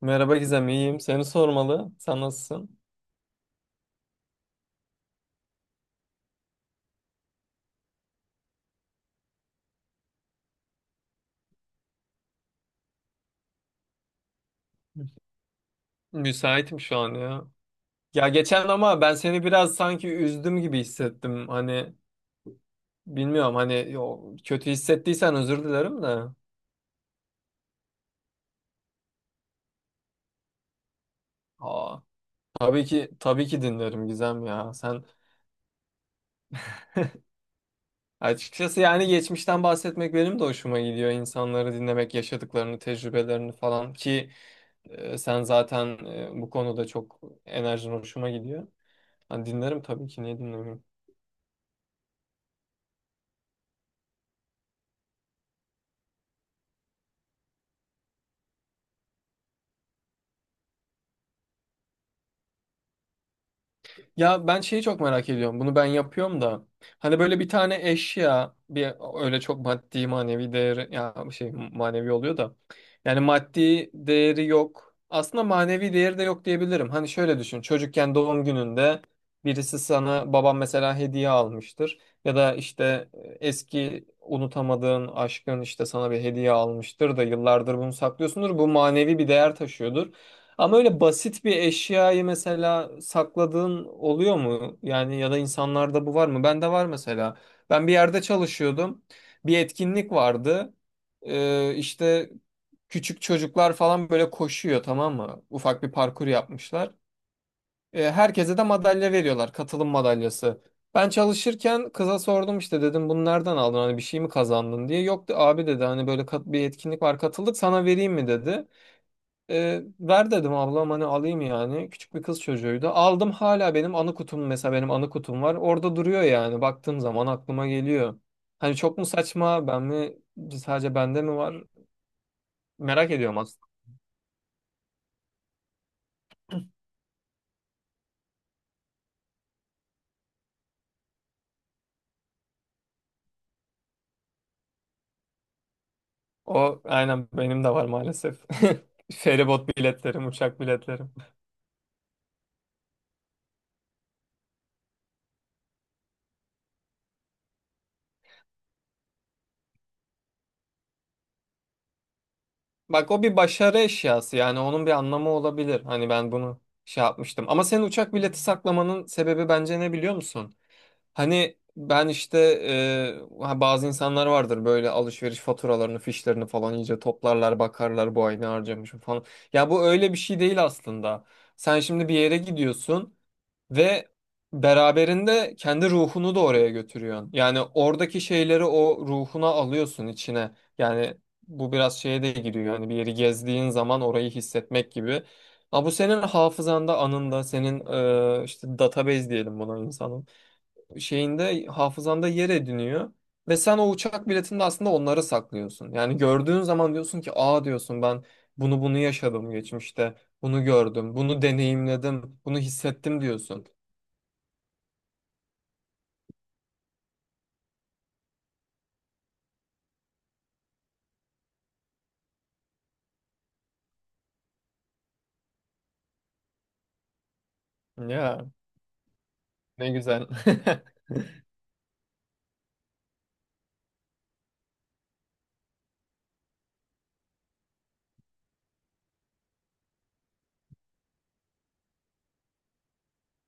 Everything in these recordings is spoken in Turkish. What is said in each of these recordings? Merhaba Gizem, iyiyim. Seni sormalı. Sen nasılsın? Müsaitim şu an ya. Ya geçen ama ben seni biraz sanki üzdüm gibi hissettim. Hani bilmiyorum hani yo, kötü hissettiysen özür dilerim de. Aa, tabii ki tabii ki dinlerim Gizem ya. Sen açıkçası yani geçmişten bahsetmek benim de hoşuma gidiyor. İnsanları dinlemek, yaşadıklarını, tecrübelerini falan ki sen zaten bu konuda çok enerjin hoşuma gidiyor. Hani dinlerim tabii ki niye dinlemiyorum? Ya ben şeyi çok merak ediyorum. Bunu ben yapıyorum da. Hani böyle bir tane eşya bir öyle çok maddi manevi değeri ya şey manevi oluyor da. Yani maddi değeri yok. Aslında manevi değeri de yok diyebilirim. Hani şöyle düşün. Çocukken doğum gününde birisi sana babam mesela hediye almıştır. Ya da işte eski unutamadığın aşkın işte sana bir hediye almıştır da yıllardır bunu saklıyorsundur. Bu manevi bir değer taşıyordur. Ama öyle basit bir eşyayı mesela sakladığın oluyor mu? Yani ya da insanlarda bu var mı? Bende var mesela. Ben bir yerde çalışıyordum. Bir etkinlik vardı. İşte küçük çocuklar falan böyle koşuyor, tamam mı? Ufak bir parkur yapmışlar. Herkese de madalya veriyorlar. Katılım madalyası. Ben çalışırken kıza sordum, işte dedim bunu nereden aldın? Hani bir şey mi kazandın diye. Yok, abi dedi hani böyle bir etkinlik var, katıldık, sana vereyim mi dedi. Ver dedim ablam, hani alayım yani. Küçük bir kız çocuğuydu. Aldım, hala benim anı kutum, mesela benim anı kutum var. Orada duruyor yani. Baktığım zaman aklıma geliyor. Hani çok mu saçma, ben mi sadece, bende mi var? Merak ediyorum aslında. O aynen benim de var maalesef. Feribot biletlerim, uçak biletlerim. Bak o bir başarı eşyası, yani onun bir anlamı olabilir. Hani ben bunu şey yapmıştım. Ama senin uçak bileti saklamanın sebebi bence ne biliyor musun? Hani ben işte bazı insanlar vardır böyle alışveriş faturalarını, fişlerini falan iyice toplarlar, bakarlar bu ay ne harcamışım falan. Ya bu öyle bir şey değil aslında. Sen şimdi bir yere gidiyorsun ve beraberinde kendi ruhunu da oraya götürüyorsun. Yani oradaki şeyleri o ruhuna alıyorsun içine. Yani bu biraz şeye de giriyor. Yani bir yeri gezdiğin zaman orayı hissetmek gibi. Ama bu senin hafızanda, anında, senin işte database diyelim buna, insanın şeyinde, hafızanda yer ediniyor. Ve sen o uçak biletinde aslında onları saklıyorsun. Yani gördüğün zaman diyorsun ki aa diyorsun, ben bunu yaşadım geçmişte. Bunu gördüm, bunu deneyimledim, bunu hissettim diyorsun. Ya ne güzel.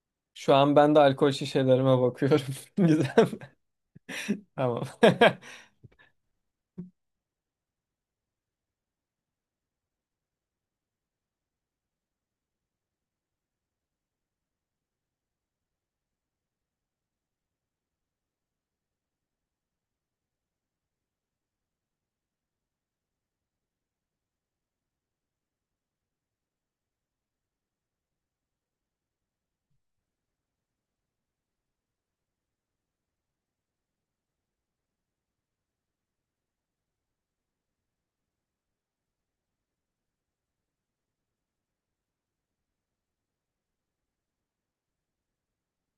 Şu an ben de alkol şişelerime bakıyorum. Güzel. Tamam.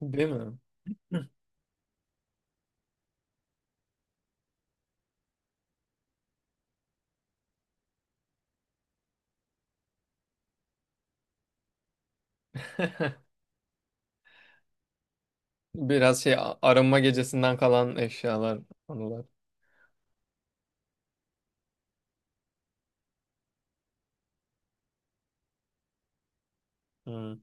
Değil mi? Biraz şey, arınma gecesinden kalan eşyalar, anılar. Hmm.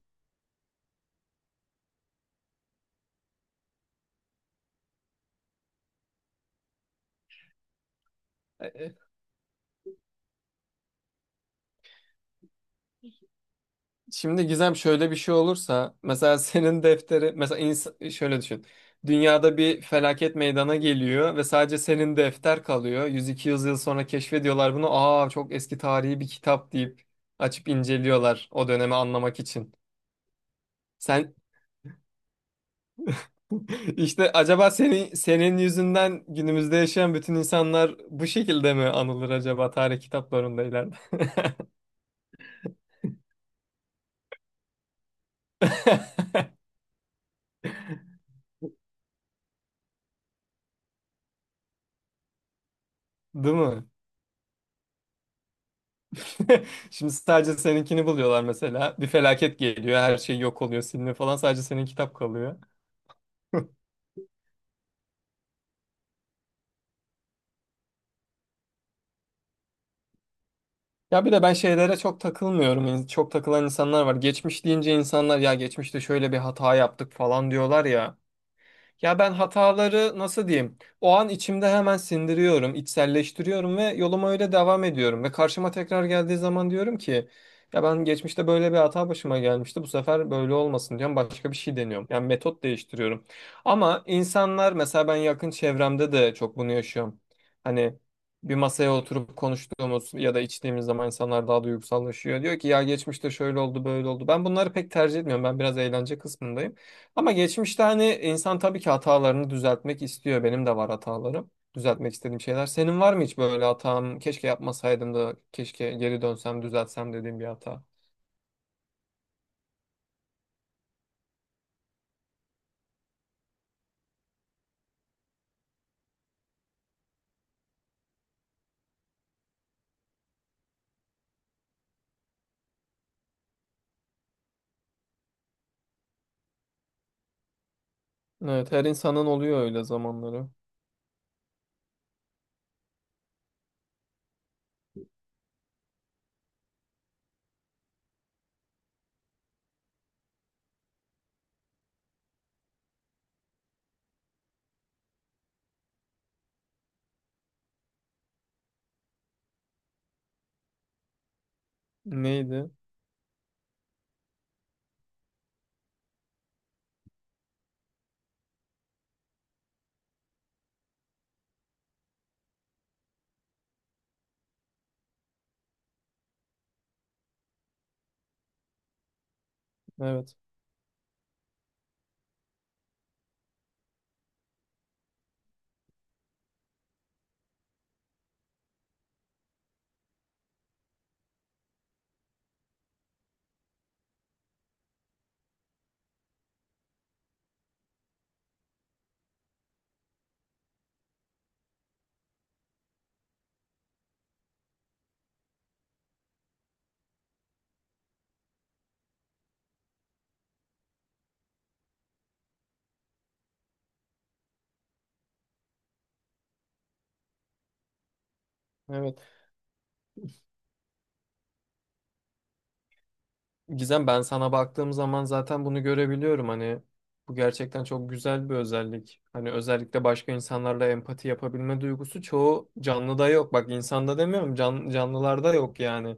Şimdi Gizem şöyle bir şey olursa mesela senin defteri mesela şöyle düşün. Dünyada bir felaket meydana geliyor ve sadece senin defter kalıyor. 100-200 yıl sonra keşfediyorlar bunu. Aa çok eski tarihi bir kitap deyip açıp inceliyorlar o dönemi anlamak için. Sen işte acaba senin yüzünden günümüzde yaşayan bütün insanlar bu şekilde mi anılır acaba tarih kitaplarında ileride? Değil mi? Şimdi sadece seninkini buluyorlar mesela. Bir felaket geliyor, her şey yok oluyor, siliniyor falan. Sadece senin kitap kalıyor. Ya bir de ben şeylere çok takılmıyorum. Çok takılan insanlar var. Geçmiş deyince insanlar ya geçmişte şöyle bir hata yaptık falan diyorlar ya. Ya ben hataları nasıl diyeyim? O an içimde hemen sindiriyorum, içselleştiriyorum ve yoluma öyle devam ediyorum. Ve karşıma tekrar geldiği zaman diyorum ki ya ben geçmişte böyle bir hata başıma gelmişti. Bu sefer böyle olmasın diyorum. Başka bir şey deniyorum. Yani metot değiştiriyorum. Ama insanlar mesela, ben yakın çevremde de çok bunu yaşıyorum. Hani bir masaya oturup konuştuğumuz ya da içtiğimiz zaman insanlar daha duygusallaşıyor. Diyor ki ya geçmişte şöyle oldu, böyle oldu. Ben bunları pek tercih etmiyorum. Ben biraz eğlence kısmındayım. Ama geçmişte hani insan tabii ki hatalarını düzeltmek istiyor. Benim de var hatalarım. Düzeltmek istediğim şeyler. Senin var mı hiç böyle hatam? Keşke yapmasaydım da keşke geri dönsem düzeltsem dediğim bir hata. Evet, her insanın oluyor öyle zamanları. Neydi? Evet. Evet. Gizem ben sana baktığım zaman zaten bunu görebiliyorum, hani bu gerçekten çok güzel bir özellik. Hani özellikle başka insanlarla empati yapabilme duygusu çoğu canlıda yok. Bak insanda demiyorum, can, canlılarda yok yani.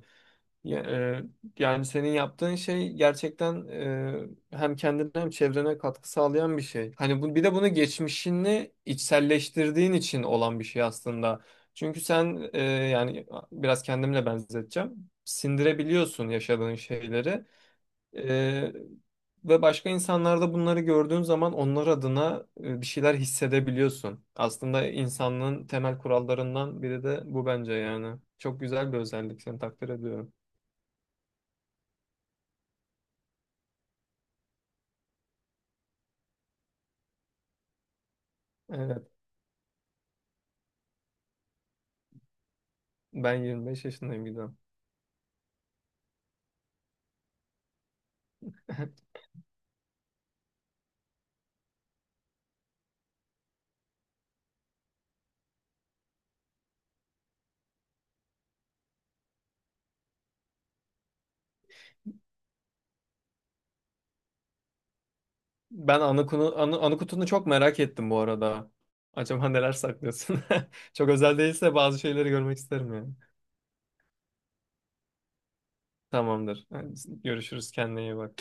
Ya- e, yani senin yaptığın şey gerçekten, hem kendine hem çevrene katkı sağlayan bir şey. Hani bu, bir de bunu geçmişini içselleştirdiğin için olan bir şey aslında. Çünkü sen, yani biraz kendimle benzeteceğim. Sindirebiliyorsun yaşadığın şeyleri. Ee, ve başka insanlarda bunları gördüğün zaman onlar adına bir şeyler hissedebiliyorsun. Aslında insanlığın temel kurallarından biri de bu bence yani. Çok güzel bir özellik. Seni takdir ediyorum. Evet. Ben 25 yaşındayım Gizem. Ben anı kutunu çok merak ettim bu arada. Acaba neler saklıyorsun? Çok özel değilse bazı şeyleri görmek isterim yani. Tamamdır. Hadi görüşürüz. Kendine iyi bak.